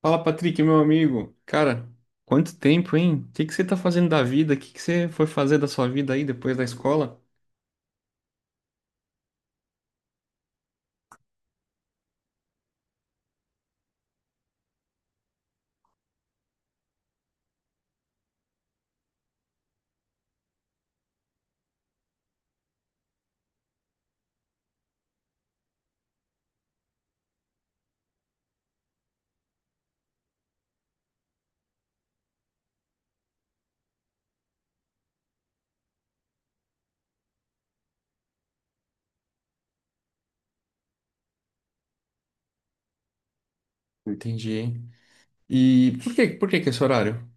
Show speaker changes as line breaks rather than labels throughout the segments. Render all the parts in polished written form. Fala, Patrick, meu amigo. Cara, quanto tempo, hein? O que você tá fazendo da vida? O que você foi fazer da sua vida aí depois da escola? Entendi, hein? E por que é esse horário?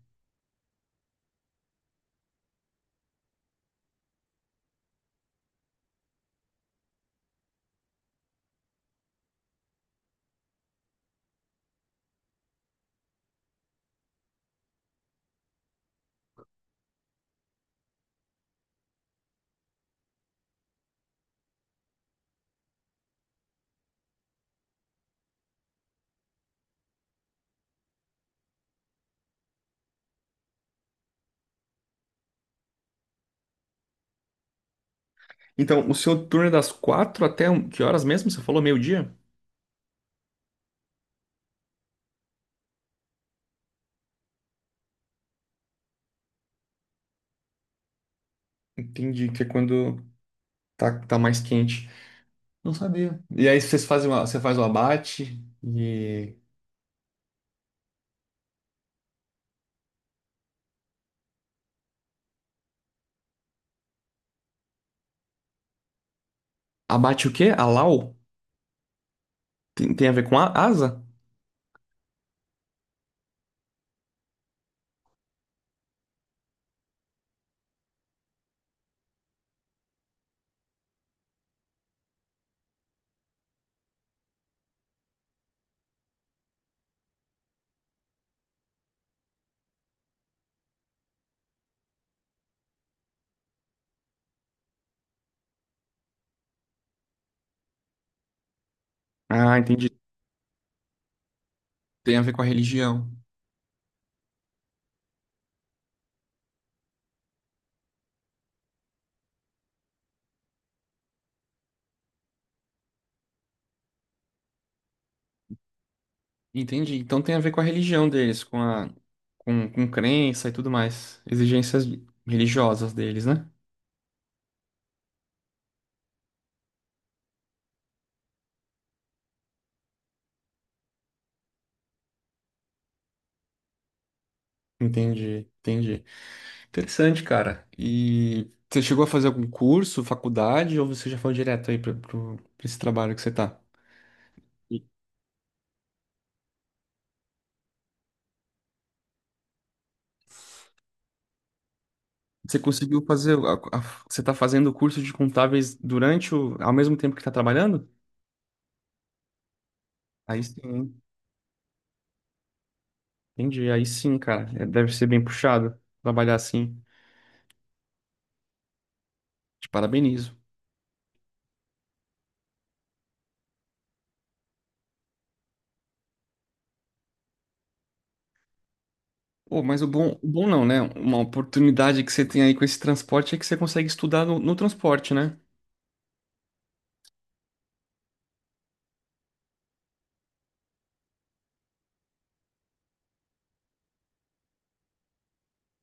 Então, o seu turno é das quatro até que horas mesmo? Você falou meio-dia? Entendi, que é quando tá mais quente. Não sabia. E aí você faz o abate e... Abate o quê? Alau? Tem a ver com a asa? Ah, entendi. Tem a ver com a religião. Entendi. Então tem a ver com a religião deles, com crença e tudo mais. Exigências religiosas deles, né? Entendi. Interessante, cara. E você chegou a fazer algum curso, faculdade, ou você já foi direto aí para esse trabalho que você tá? E Você conseguiu fazer. Você tá fazendo o curso de contábeis durante o. ao mesmo tempo que tá trabalhando? Aí sim, hein? Entendi. Aí sim, cara. É, deve ser bem puxado trabalhar assim. Te parabenizo. Pô, mas o bom não, né? Uma oportunidade que você tem aí com esse transporte é que você consegue estudar no transporte, né?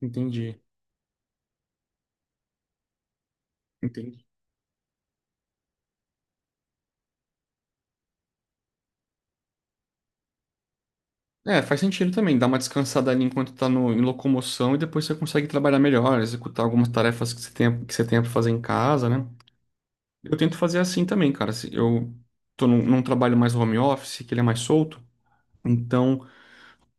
Entendi, entendi. É, faz sentido também, dá uma descansada ali enquanto tá no, em locomoção e depois você consegue trabalhar melhor, executar algumas tarefas que você tenha para fazer em casa, né? Eu tento fazer assim também, cara. Se Eu tô num trabalho mais home office, que ele é mais solto, então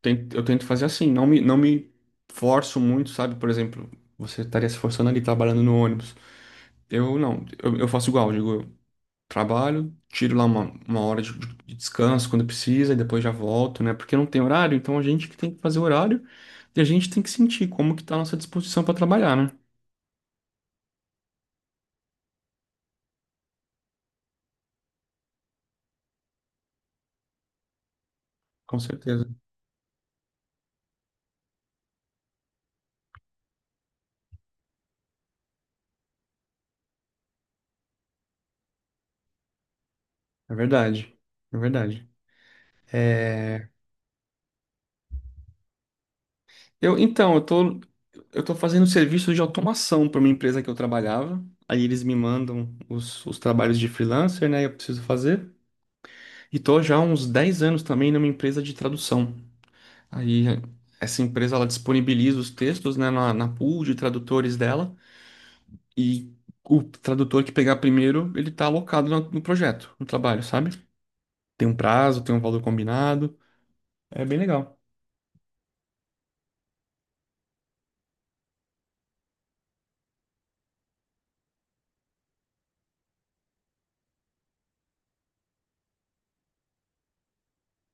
eu tento fazer assim, não me forço muito, sabe? Por exemplo, você estaria se forçando ali trabalhando no ônibus. Eu não, eu faço igual, digo. Trabalho, tiro lá uma hora de descanso quando precisa e depois já volto, né? Porque não tem horário, então a gente que tem que fazer horário e a gente tem que sentir como que tá a nossa disposição para trabalhar, né? Com certeza. É verdade. É verdade. É, Eu, então, eu tô, eu tô fazendo serviço de automação para uma empresa que eu trabalhava. Aí eles me mandam os trabalhos de freelancer, né? Eu preciso fazer. E tô já há uns 10 anos também numa empresa de tradução. Aí essa empresa ela disponibiliza os textos, né, na pool de tradutores dela e o tradutor que pegar primeiro, ele tá alocado no projeto, no trabalho, sabe? Tem um prazo, tem um valor combinado, é bem legal.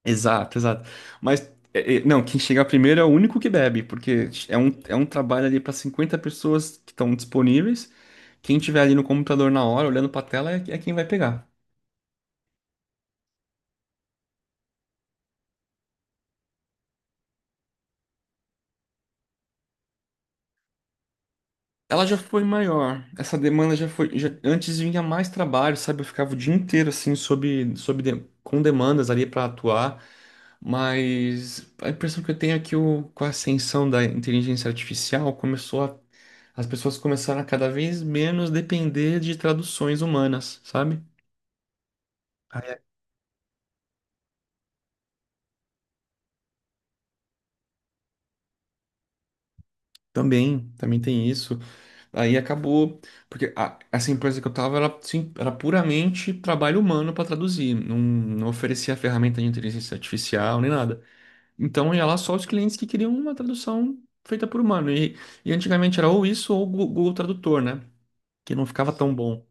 Exato. Mas não, quem chegar primeiro é o único que bebe, porque é um trabalho ali para 50 pessoas que estão disponíveis. Quem tiver ali no computador na hora, olhando para a tela, é quem vai pegar. Ela já foi maior. Essa demanda já foi. Já- Antes vinha mais trabalho, sabe? Eu ficava o dia inteiro assim, com demandas ali para atuar. Mas a impressão que eu tenho é que com a ascensão da inteligência artificial as pessoas começaram a cada vez menos depender de traduções humanas, sabe? Também tem isso. Aí acabou, porque essa empresa que eu tava era, sim, era puramente trabalho humano para traduzir, não oferecia ferramenta de inteligência artificial nem nada. Então ia lá só os clientes que queriam uma tradução feita por humano. E e antigamente era ou isso ou o Google Tradutor, né? Que não ficava tão bom.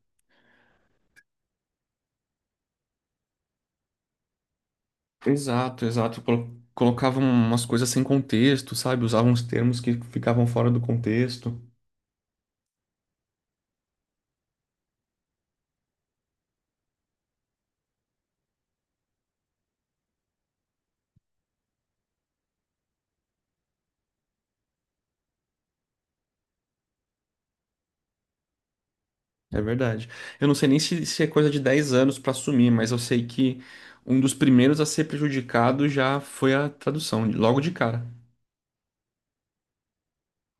Exato. Colocavam umas coisas sem contexto, sabe? Usavam uns termos que ficavam fora do contexto. É verdade. Eu não sei nem se é coisa de 10 anos para assumir, mas eu sei que um dos primeiros a ser prejudicado já foi a tradução, logo de cara.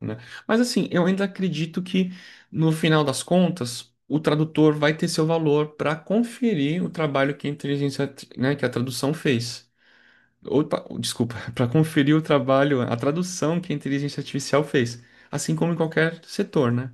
Né? Mas assim, eu ainda acredito que no final das contas o tradutor vai ter seu valor para conferir o trabalho que a tradução fez. Ou, desculpa, para conferir o trabalho, a tradução que a inteligência artificial fez, assim como em qualquer setor, né?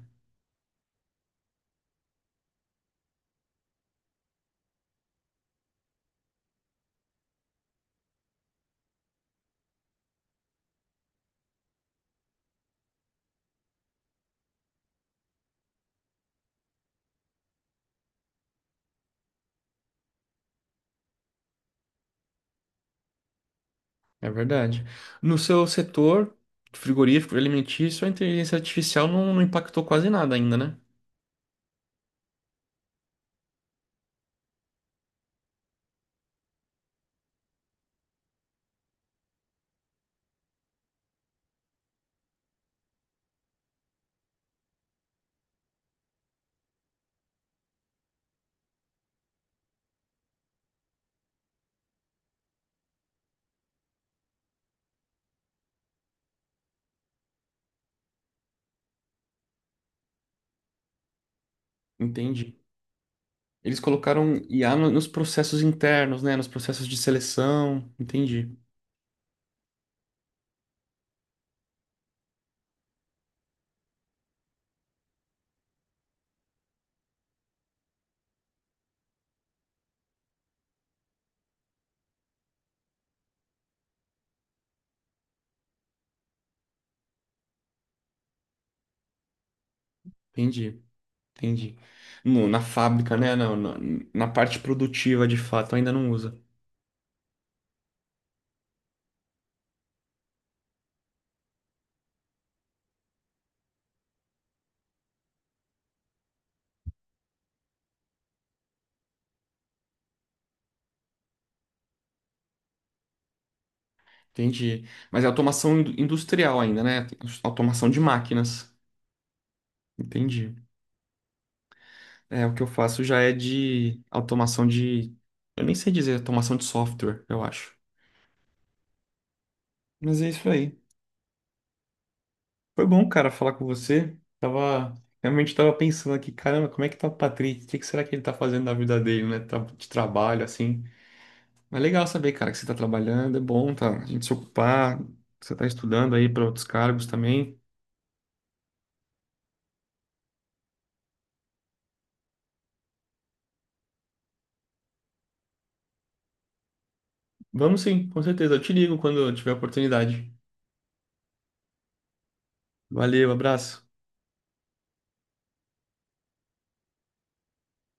É verdade. No seu setor frigorífico, alimentício, a inteligência artificial não impactou quase nada ainda, né? Entendi. Eles colocaram IA nos processos internos, né? Nos processos de seleção. Entendi. Entendi. Na fábrica, né? Na parte produtiva, de fato, ainda não usa. Entendi. Mas é automação industrial ainda, né? Automação de máquinas. Entendi. É, o que eu faço já é de automação de. Eu nem sei dizer, automação de software, eu acho. Mas é isso aí. Foi bom, cara, falar com você. Tava. Realmente tava pensando aqui, caramba, como é que tá o Patrick? O que que será que ele tá fazendo na vida dele, né? De trabalho, assim. Mas é legal saber, cara, que você está trabalhando, é bom, tá? A gente se ocupar, você está estudando aí para outros cargos também. Vamos sim, com certeza. Eu te ligo quando eu tiver oportunidade. Valeu, abraço.